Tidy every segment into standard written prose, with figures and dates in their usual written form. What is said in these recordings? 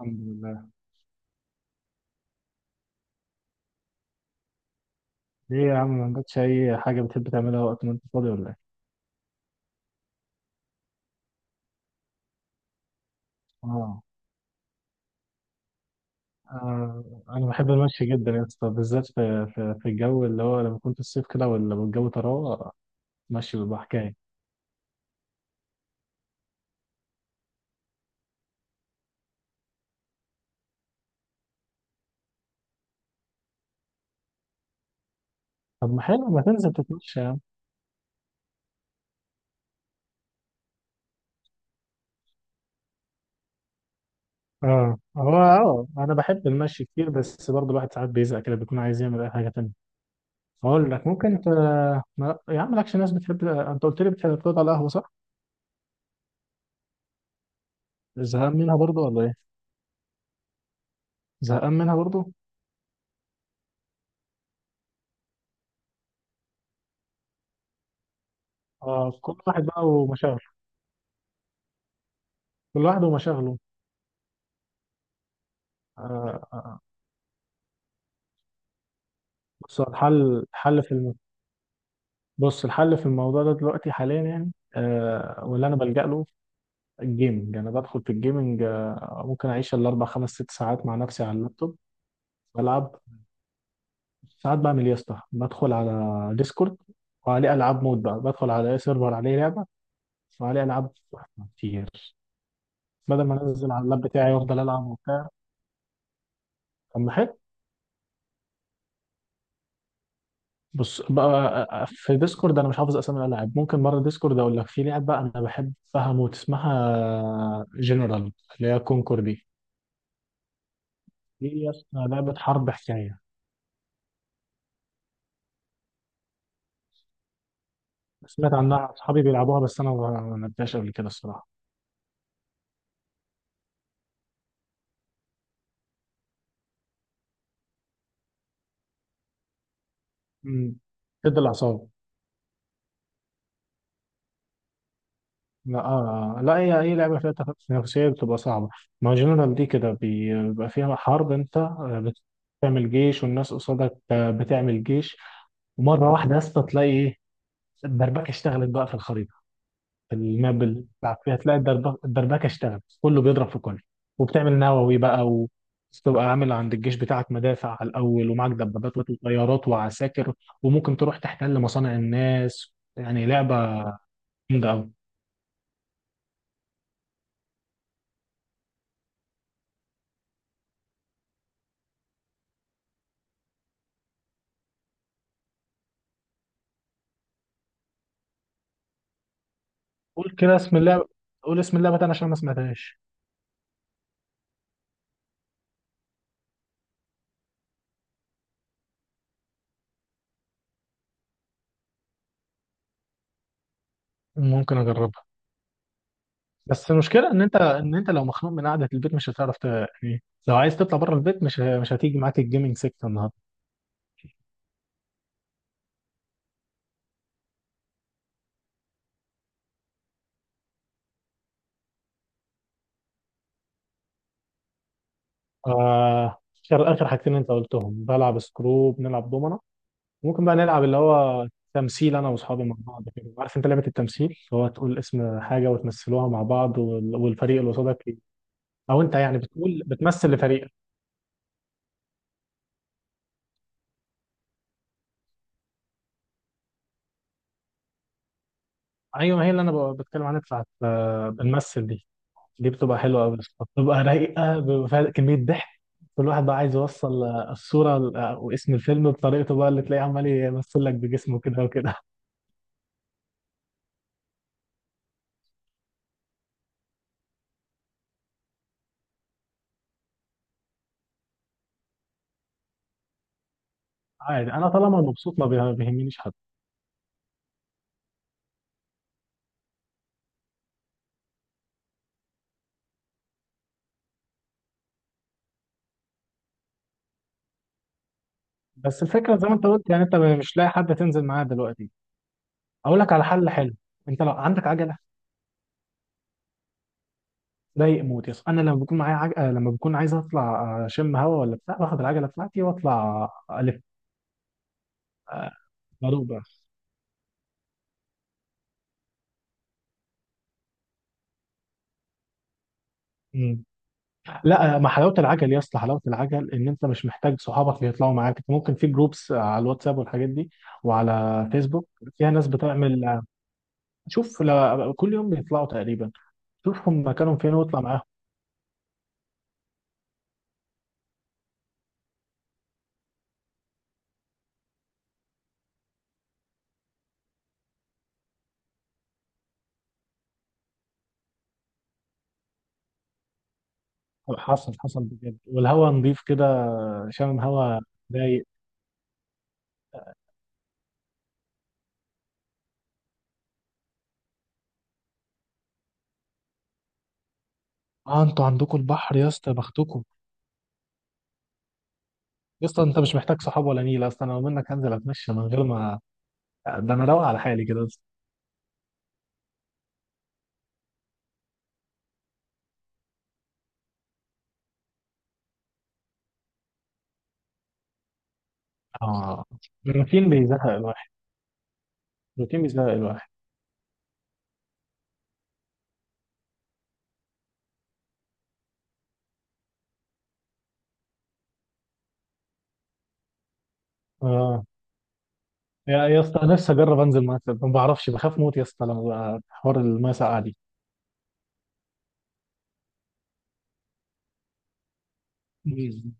الحمد لله. ليه يا عم، ما عندكش اي حاجه بتحب تعملها وقت ما انت فاضي ولا ايه؟ اه. انا بحب المشي جدا يا اسطى، بالذات في الجو اللي هو لما كنت الصيف كده ولا الجو طراوه، مشي بيبقى حكايه. طب ما حلو، ما تنزل تتمشى يا عم. اه، هو اه انا بحب المشي كتير، بس برضه الواحد ساعات بيزهق كده، بيكون عايز يعمل اي حاجه تانية. اقول لك ممكن انت ما... يا عم، مالكش ناس بتحب؟ انت قلت لي بتحب تقعد على القهوه، صح؟ زهقان منها برضه ولا ايه؟ زهقان منها برضه. اه، كل واحد بقى ومشاغله. كل واحد ومشاغله. آه، آه. آه. بص هو الحل الحل في الم... بص، الحل في الموضوع ده دلوقتي، حاليا يعني، واللي انا بلجأ له الجيمنج. انا بدخل في الجيمنج، ممكن اعيش الاربع خمس ست ساعات مع نفسي على اللابتوب. بلعب. ساعات بعمل إيه يا اسطى، بدخل على ديسكورد وعليه العاب مود بقى، بدخل على اي سيرفر عليه لعبه، وعليه العاب كتير، بدل ما انزل على اللاب بتاعي وافضل العب وبتاع. طب ما حلو. بص بقى، في ديسكورد انا مش حافظ اسامي الالعاب، ممكن مره ديسكورد اقول لك في لعبه انا بحبها موت، اسمها جنرال، اللي هي كونكور دي. دي اسمها لعبه حرب، حكايه. سمعت عنها، اصحابي بيلعبوها، بس انا ما لعبتهاش قبل كده الصراحه. امم تد الاعصاب. لا. آه. آه. لا، هي اي لعبه فيها تنافسيه بتبقى صعبه. ما جنرال دي كده بيبقى فيها حرب. انت بت- بتعمل جيش والناس قصادك، بتعمل جيش، ومره واحده يا اسطى تلاقي ايه؟ الدربكه اشتغلت بقى في الخريطه، الماب اللي بتلعب فيها، تلاقي الدربكه اشتغلت، كله بيضرب في كله، وبتعمل نووي بقى، وتبقى عامل عند الجيش بتاعك مدافع على الاول، ومعاك دبابات وطيارات وعساكر، وممكن تروح تحتل مصانع الناس، يعني لعبه جامده قوي. قول كده اسم اللعبه. قول اسم اللعبه تاني عشان ما سمعتهاش. ممكن اجربها. بس المشكله ان انت لو مخنوق من قعده البيت، مش هتعرف يعني لو عايز تطلع بره البيت، مش هتيجي معاك الجيمنج سيكتور النهارده. آه... آخر حاجتين انت قلتهم، بلعب سكرو، بنلعب دومنه. ممكن بقى نلعب اللي هو تمثيل، انا واصحابي مع بعض كده. عارف انت لعبه التمثيل، اللي هو تقول اسم حاجه وتمثلوها مع بعض والفريق اللي قصادك او انت يعني بتقول بتمثل لفريقك. ايوه، هي اللي انا بتكلم عنها، بتاعت بنمثل دي. دي بتبقى حلوه قوي، بتبقى رايقه، بيبقى فيها كميه ضحك. كل واحد بقى عايز يوصل الصوره واسم الفيلم بطريقته بقى، اللي تلاقيه عمال يمثل لك بجسمه كده وكده عادي، انا طالما مبسوط ما بيه- بيهمنيش حد. بس الفكره زي ما انت قلت، يعني انت مش لاقي حد تنزل معاه دلوقتي. اقول لك على حل حلو. انت لو عندك عجله، ضايق موت، يس، انا لما بكون عايز اطلع اشم هوا ولا بتاع، باخد العجله بتاعتي واطلع. الف. آه، بدوق بقى. مم. لا، ما حلاوه العجل يا اسطى، حلاوه العجل ان انت مش محتاج صحابك اللي يطلعوا معاك. انت ممكن في جروبس على الواتساب والحاجات دي، وعلى فيسبوك، فيها ناس بتعمل شوف كل يوم بيطلعوا تقريبا، شوفهم مكانهم فين واطلع معاهم. حصل بجد، والهوا نضيف كده، شامم هوا، رايق. اه، انتوا عندكم البحر يا اسطى، بختكم. يا اسطى، انت مش محتاج صحاب ولا نيله اصلا، انا لو منك هنزل اتمشى من غير ما، ده انا روق على حالي كده بس. اه، الروتين بيزهق الواحد. الروتين بيزهق الواحد. اه، يا اسطى نفسي اجرب انزل ميه ساقعة. ما بعرفش، بخاف موت يا اسطى لما بقى حوار الميه ساقعه دي. مم.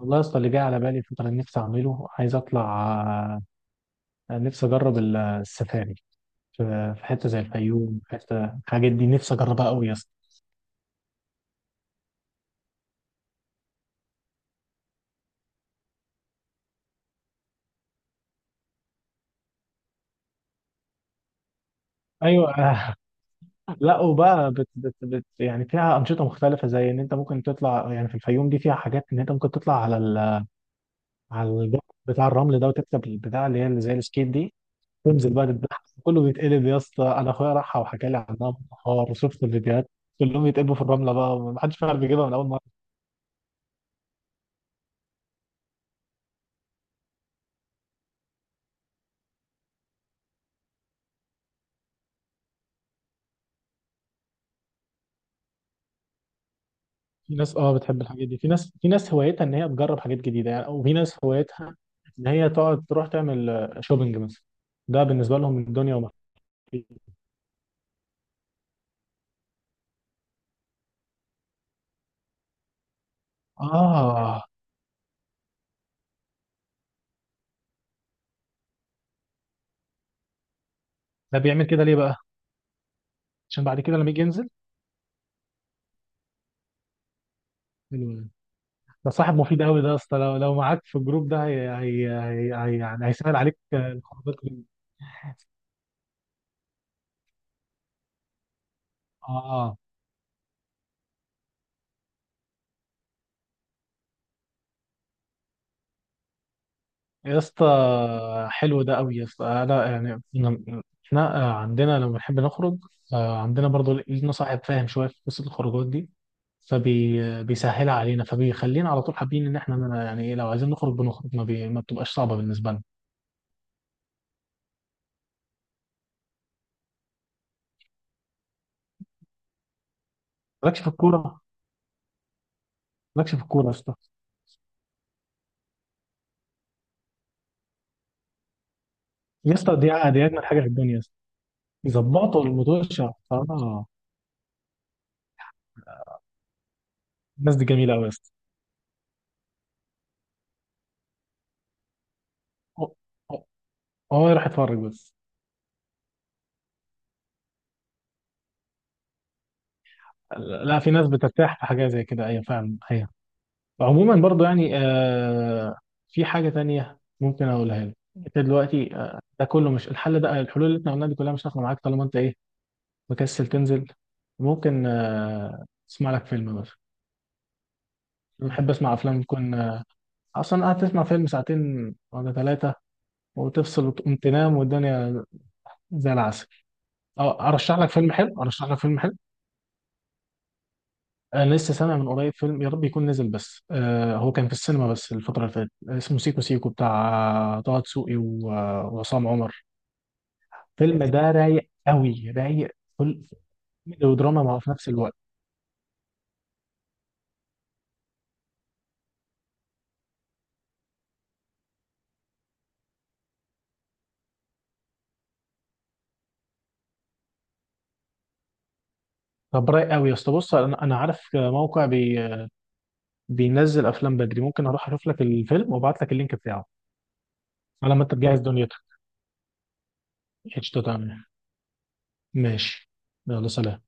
والله يا اسطى، اللي جاي على بالي الفتره اللي نفسي اعمله، عايز اطلع نفسي اجرب السفاري في حته زي الفيوم، حته الحاجات دي نفسي اجربها قوي يا اسطى. ايوه لا، وبقى بت بت بت يعني فيها انشطه مختلفه، زي ان انت ممكن تطلع، يعني في الفيوم دي فيها حاجات ان انت ممكن تطلع على الجبل بتاع الرمل ده، وتكسب البتاع اللي هي، اللي زي السكيت دي، تنزل بقى تتبعها، كله بيتقلب يا اسطى. انا اخويا راحها وحكى لي عنها بالنهار، وشفت الفيديوهات كلهم يتقلبوا في الرمله بقى، محدش فعلا بيجيبها من اول مره. في ناس بتحب الحاجات دي، في ناس هوايتها ان هي تجرب حاجات جديده يعني، وفي ناس هوايتها ان هي تقعد تروح تعمل شوبينج مثلا، ده بالنسبه لهم الدنيا وما فيها. اه، ده بيعمل كده ليه بقى؟ عشان بعد كده لما يجي ينزل ال- ده صاحب مفيد قوي ده يا اسطى، لو معاك في الجروب ده، هي يعني هيسهل عليك الخروجات جدا. اه يا اسطى. حلو ده قوي يا اسطى. انا يعني، إحنا عندنا لما بنحب نخرج، عندنا برضو لينا صاحب فاهم شويه في قصه الخروجات دي، فبيسهلها علينا، فبيخلينا على طول حابين ان احنا يعني ايه، لو عايزين نخرج بنخرج، ما بتبقاش صعبه بالنسبه لنا. مالكش في الكوره؟ مالكش في الكوره يا اسطى؟ يا اسطى، دي اجمل حاجه في الدنيا. ظبطوا المدوشة، اه. الناس دي جميلة أوي بس. اه، آه، آه، راح اتفرج بس. لا، في ناس بترتاح في حاجة زي كده، أيوة، فعلا، أيوة. عموما برضو يعني، في حاجة تانية ممكن أقولها لك أنت دلوقتي. ده كله مش الحل، ده الحلول اللي احنا قلناها دي كلها مش هتاخد معاك طالما أنت إيه، مكسل تنزل. ممكن تسمع لك فيلم بس. أنا بحب أسمع أفلام تكون أصلا قاعد تسمع فيلم ساعتين ولا ثلاثة، وتفصل وتقوم تنام، والدنيا زي العسل. اه، ارشح لك فيلم حلو، ارشح لك فيلم حلو. انا لسه سامع من قريب فيلم، يا رب يكون نزل، بس هو كان في السينما بس الفتره اللي فاتت، اسمه سيكو سيكو، بتاع طه دسوقي وعصام عمر. الفيلم ده رايق قوي، رايق. كل، كوميدي ودراما مع في نفس الوقت. طب رايق قوي يا اسطى. بص أنا عارف موقع بينزل افلام بدري، ممكن اروح اشوف لك الفيلم وابعت لك اللينك بتاعه على ما انت تجهز دنيتك. قشطه، تمام، ماشي. يلا سلام.